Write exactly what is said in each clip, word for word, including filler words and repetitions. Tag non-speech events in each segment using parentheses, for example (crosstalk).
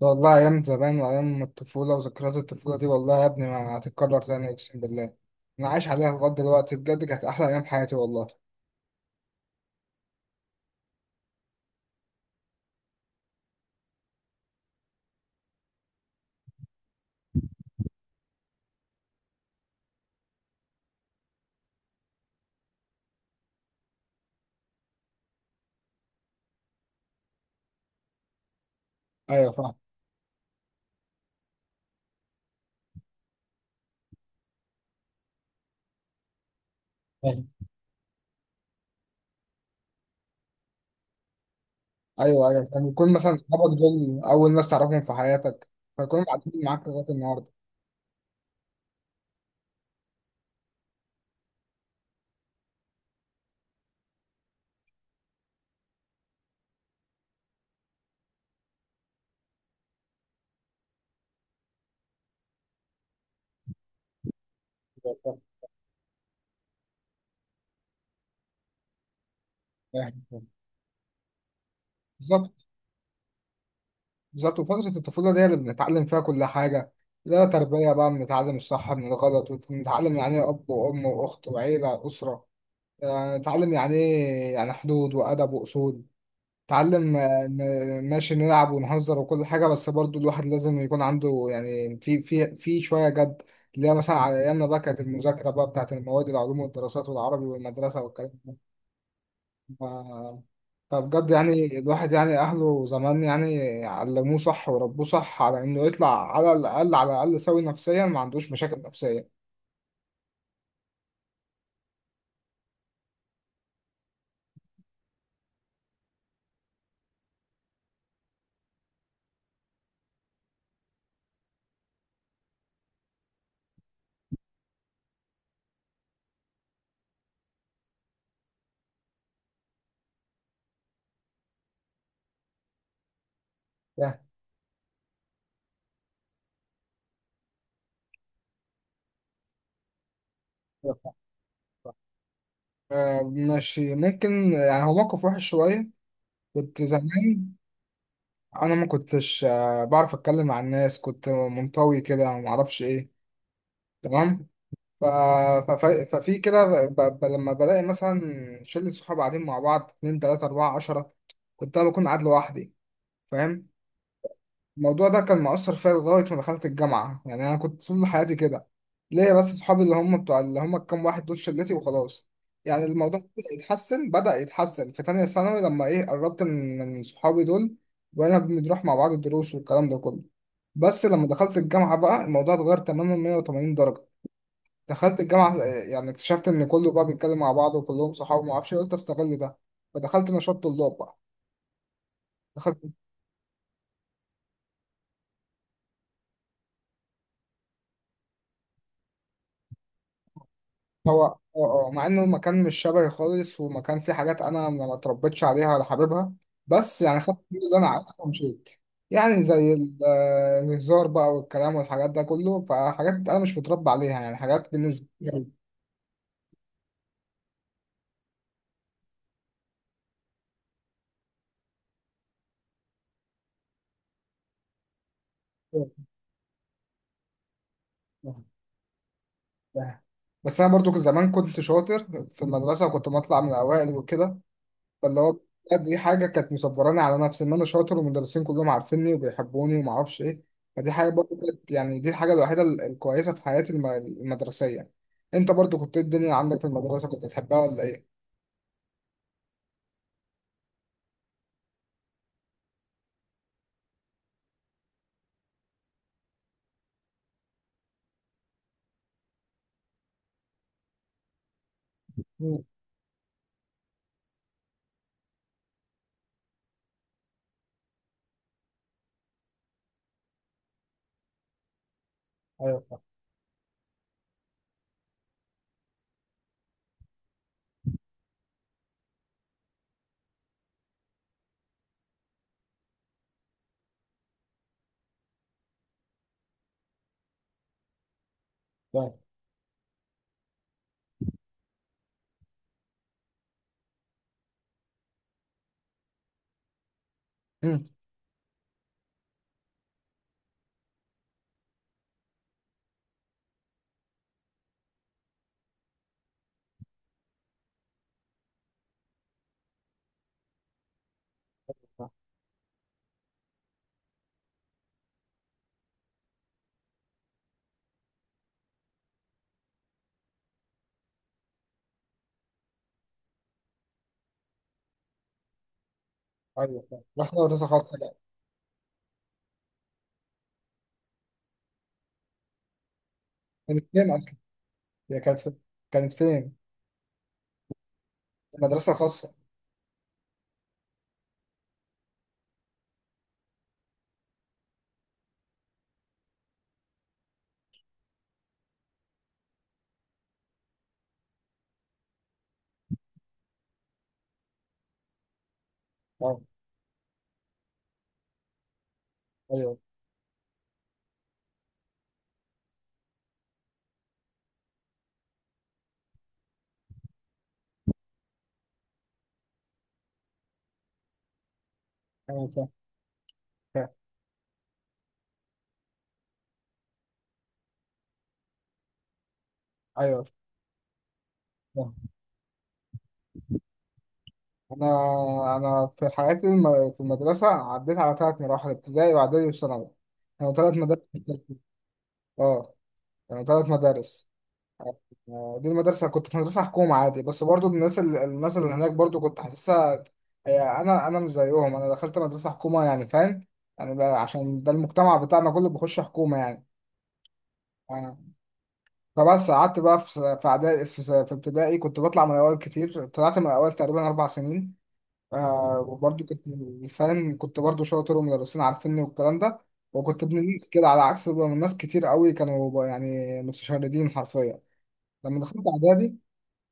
والله أيام زمان وأيام الطفولة وذكريات الطفولة دي والله يا ابني ما هتتكرر تاني أقسم بالله. أنا عايش عليها لغاية دلوقتي بجد، كانت أحلى أيام حياتي والله. أيوة، فاهم. فاهم. أيوه أيوه، فاهم. يكون مثلا صحابك دول أول ناس تعرفهم في حياتك، فيكونوا قاعدين معاك لغاية النهاردة. فاهم. فاهم. بالظبط بالظبط، وفترة الطفولة دي اللي بنتعلم فيها كل حاجة، لا تربية بقى، بنتعلم الصح من الغلط، وبنتعلم يعني إيه أب وأم وأخت وعيلة وأسرة، يعني نتعلم يعني إيه يعني حدود وأدب وأصول. اتعلم آه، ن- ماشي، نلعب ونهزر وكل حاجة، بس برضو الواحد لازم يكون عنده يعني في في في شوية جد، اللي هي مثلا على أيامنا بقى كانت المذاكرة بقى بتاعت المواد، العلوم والدراسات والعربي والمدرسة والكلام ده. ف... فبجد يعني الواحد يعني أهله زمان يعني علموه صح وربوه صح على إنه يطلع على الأقل على الأقل سوي نفسيا، ما عندوش مشاكل نفسية. ده. ده- آه، ماشي، ممكن يعني، هو موقف وحش شوية. كنت زمان انا ما كنتش آه، بعرف اتكلم مع الناس، كنت منطوي كده ما اعرفش ايه. تمام. ف... ف... ف... ففي كده ب... ب... لما بلاقي مثلا شلة صحاب قاعدين مع بعض، اتنين تلاتة أربعة عشرة، كنت أنا بكون قاعد لوحدي، فاهم. الموضوع ده كان مؤثر فيا لغاية ما دخلت الجامعة، يعني أنا كنت طول حياتي كده، ليا بس صحابي اللي هم بتوع اللي هم الكام واحد دول شلتي وخلاص. يعني الموضوع بدأ يتحسن، بدأ يتحسن في تانية ثانوي لما إيه قربت من من صحابي دول، وأنا بنروح مع بعض الدروس والكلام ده كله. بس لما دخلت الجامعة بقى الموضوع اتغير تماما مية وتمانين درجة. دخلت الجامعة، آه، يعني اكتشفت إن كله بقى بيتكلم مع بعض وكلهم صحاب ومعرفش إيه، قلت أستغل ده، فدخلت نشاط طلاب بقى. دخلت، هو اه. اه، مع انه مكان مش شبهي خالص، ومكان فيه حاجات انا ما ما اتربيتش عليها ولا حاببها، بس يعني خدت كل اللي انا عايزه ومشيت. يعني زي ال- آه، الهزار بقى والكلام والحاجات ده كله، فحاجات انا مش متربى عليها، يعني حاجات بالنسبه لي. بس انا برضو زمان كنت شاطر في المدرسه، وكنت بطلع من الاوائل وكده، فاللي هو بجد دي حاجه كانت مصبراني على نفسي ان انا شاطر، والمدرسين كلهم عارفيني وبيحبوني وما اعرفش ايه، فدي حاجه برضو كانت يعني دي الحاجه الوحيده ال- الكويسه في حياتي الم- المدرسيه. انت برضو كنت إيه الدنيا عندك في المدرسه، كنت تحبها ولا ايه؟ مم. ايوه، فاهم. فاهم. مم. فاهم. ايوه، فاهم. رحت مدرسه خاصه بقى. كانت فين اصلا؟ هي كانت فين؟ كانت فين؟ المدرسه الخاصه. اه، ايوه ايوه، فاهم. فاهم. ايوه، فاهم. انا انا في حياتي الم- في المدرسه عديت على ثلاث مراحل، ابتدائي واعدادي وثانوي، كانوا ثلاث مدارس. اه، كانوا ثلاث مدارس. آه، دي المدرسه كنت في مدرسه حكومه عادي، بس برضو الناس ال- الناس اللي هناك برضو كنت حاسسها، هي انا انا مش زيهم، انا دخلت مدرسه حكومه يعني فاهم، يعني بقى عشان ده المجتمع بتاعنا كله بيخش حكومه يعني. آه. فبس قعدت بقى في في اعدادي، في في ابتدائي كنت بطلع من الاول كتير، طلعت من الاول تقريبا اربع سنين. آه وبرضه كنت من- فاهم، كنت برضه شاطر ومدرسين عارفيني والكلام ده، وكنت ابن الناس كده، على عكس بقى من ناس كتير قوي كانوا بقى يعني متشردين حرفيا. لما دخلت اعدادي،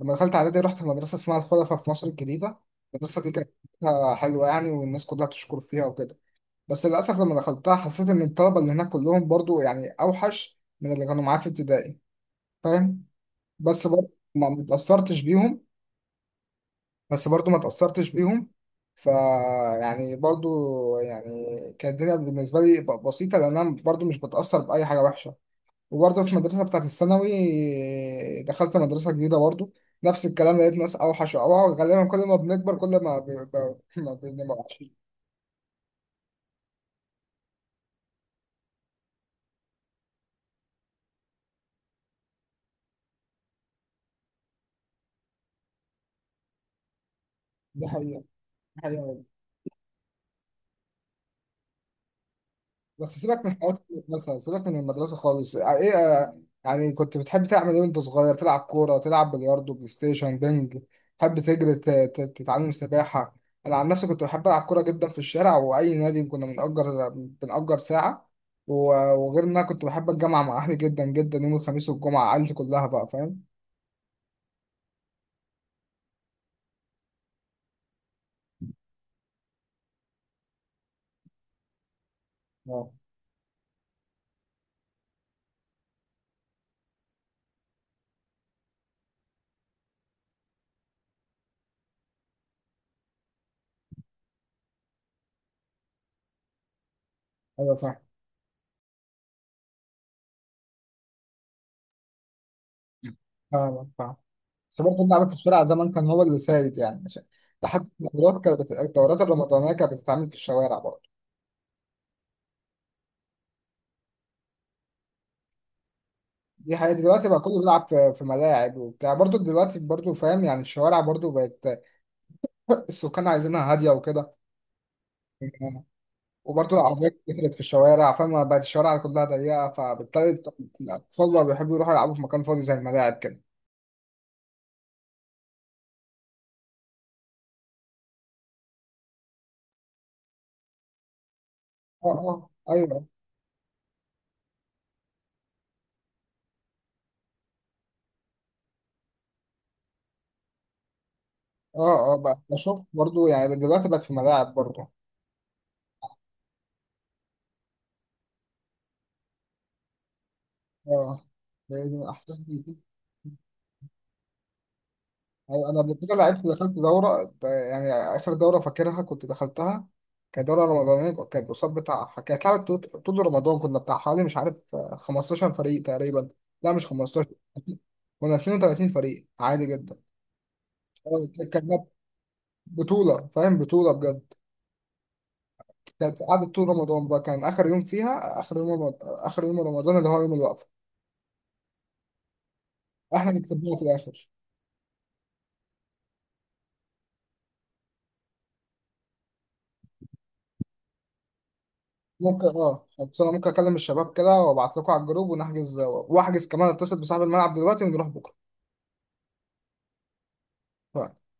لما دخلت اعدادي رحت مدرسه اسمها الخلفاء في مصر الجديده. المدرسه دي كانت فيها حلوه يعني، والناس كلها بتشكر فيها وكده، بس للاسف لما دخلتها حسيت ان الطلبه اللي هناك كلهم برضه يعني اوحش من اللي كانوا معايا في ابتدائي، فاهم. بس برضه ما ما اتأثرتش بيهم، بس برضو ما تأثرتش بيهم، ف يعني برضو، يعني كانت الدنيا بالنسبة لي ب- بسيطة، لأن أنا برضو مش بتأثر بأي حاجة وحشة. وبرضو في المدرسة بتاعت الثانوي دخلت مدرسة جديدة برضو، نفس الكلام، لقيت ناس أوحش وأوعى، غالبا كل ما بنكبر كل ما ب... ب... (laughs) ما بنبقى وحشين. دي حقيقة دي حقيقة والله. بس سيبك من حوارات المدرسة، سيبك من المدرسة خالص إيه، يعني كنت بتحب تعمل ايه وانت صغير؟ تلعب كورة، تلعب بلياردو، بلاي ستيشن، بينج، تحب تجري ت- ت- تتعلم سباحة؟ انا عن نفسي كنت بحب العب كورة جدا في الشارع، واي نادي كنا بنأجر بنأجر ساعة، و- وغير ان انا كنت بحب الجامعة مع اهلي جدا جدا، يوم الخميس والجمعة عيلتي كلها بقى فاهم. اه ايوه، فاهم. فاهم فاهم. بس برضه اللعب في الشارع زمان كان هو اللي سائد يعني عشان- لحد الدورات كانت بت- الدورات الرمضانية كانت بتتعمل في الشوارع برضه. دي حقيقة، دلوقتي بقى كله بيلعب في في ملاعب وبتاع برضو، دلوقتي برضو فاهم، يعني الشوارع برضو بقت (laughs) السكان عايزينها هادية وكده، وبرضو العربيات كترت في الشوارع فما بقت الشوارع كلها ضيقة، فبالتالي الأطفال بقى بيحبوا يروحوا يلعبوا في مكان فاضي زي الملاعب كده. اه اه، ايوه. اه اه، بقى بشوف برضو يعني دلوقتي بقت في ملاعب برضو. اه، ده- ده احساس جديد. أيوة، انا قبل كده لعبت دخلت دوره يعني، اخر دوره فاكرها كنت دخلتها، كانت دوره رمضانيه، كانت قصاد بتاع، كانت لعبت طول طول رمضان، كنا بتاع حوالي مش عارف خمستاشر فريق تقريبا، لا مش خمستاشر، كنا اثنين وثلاثين فريق عادي جدا. آه، كانت بطوله فاهم، بطوله بجد. كانت قعدت طول رمضان بقى، كان اخر يوم فيها اخر يوم رمضان، اخر يوم رمضان اللي هو يوم الوقفه. احنا اللي كسبناها في الاخر. ممكن اه، خلاص، انا ممكن اكلم الشباب كده وابعت لكم على الجروب ونحجز، واحجز كمان اتصل بصاحب الملعب دلوقتي، ونروح بكره. ف-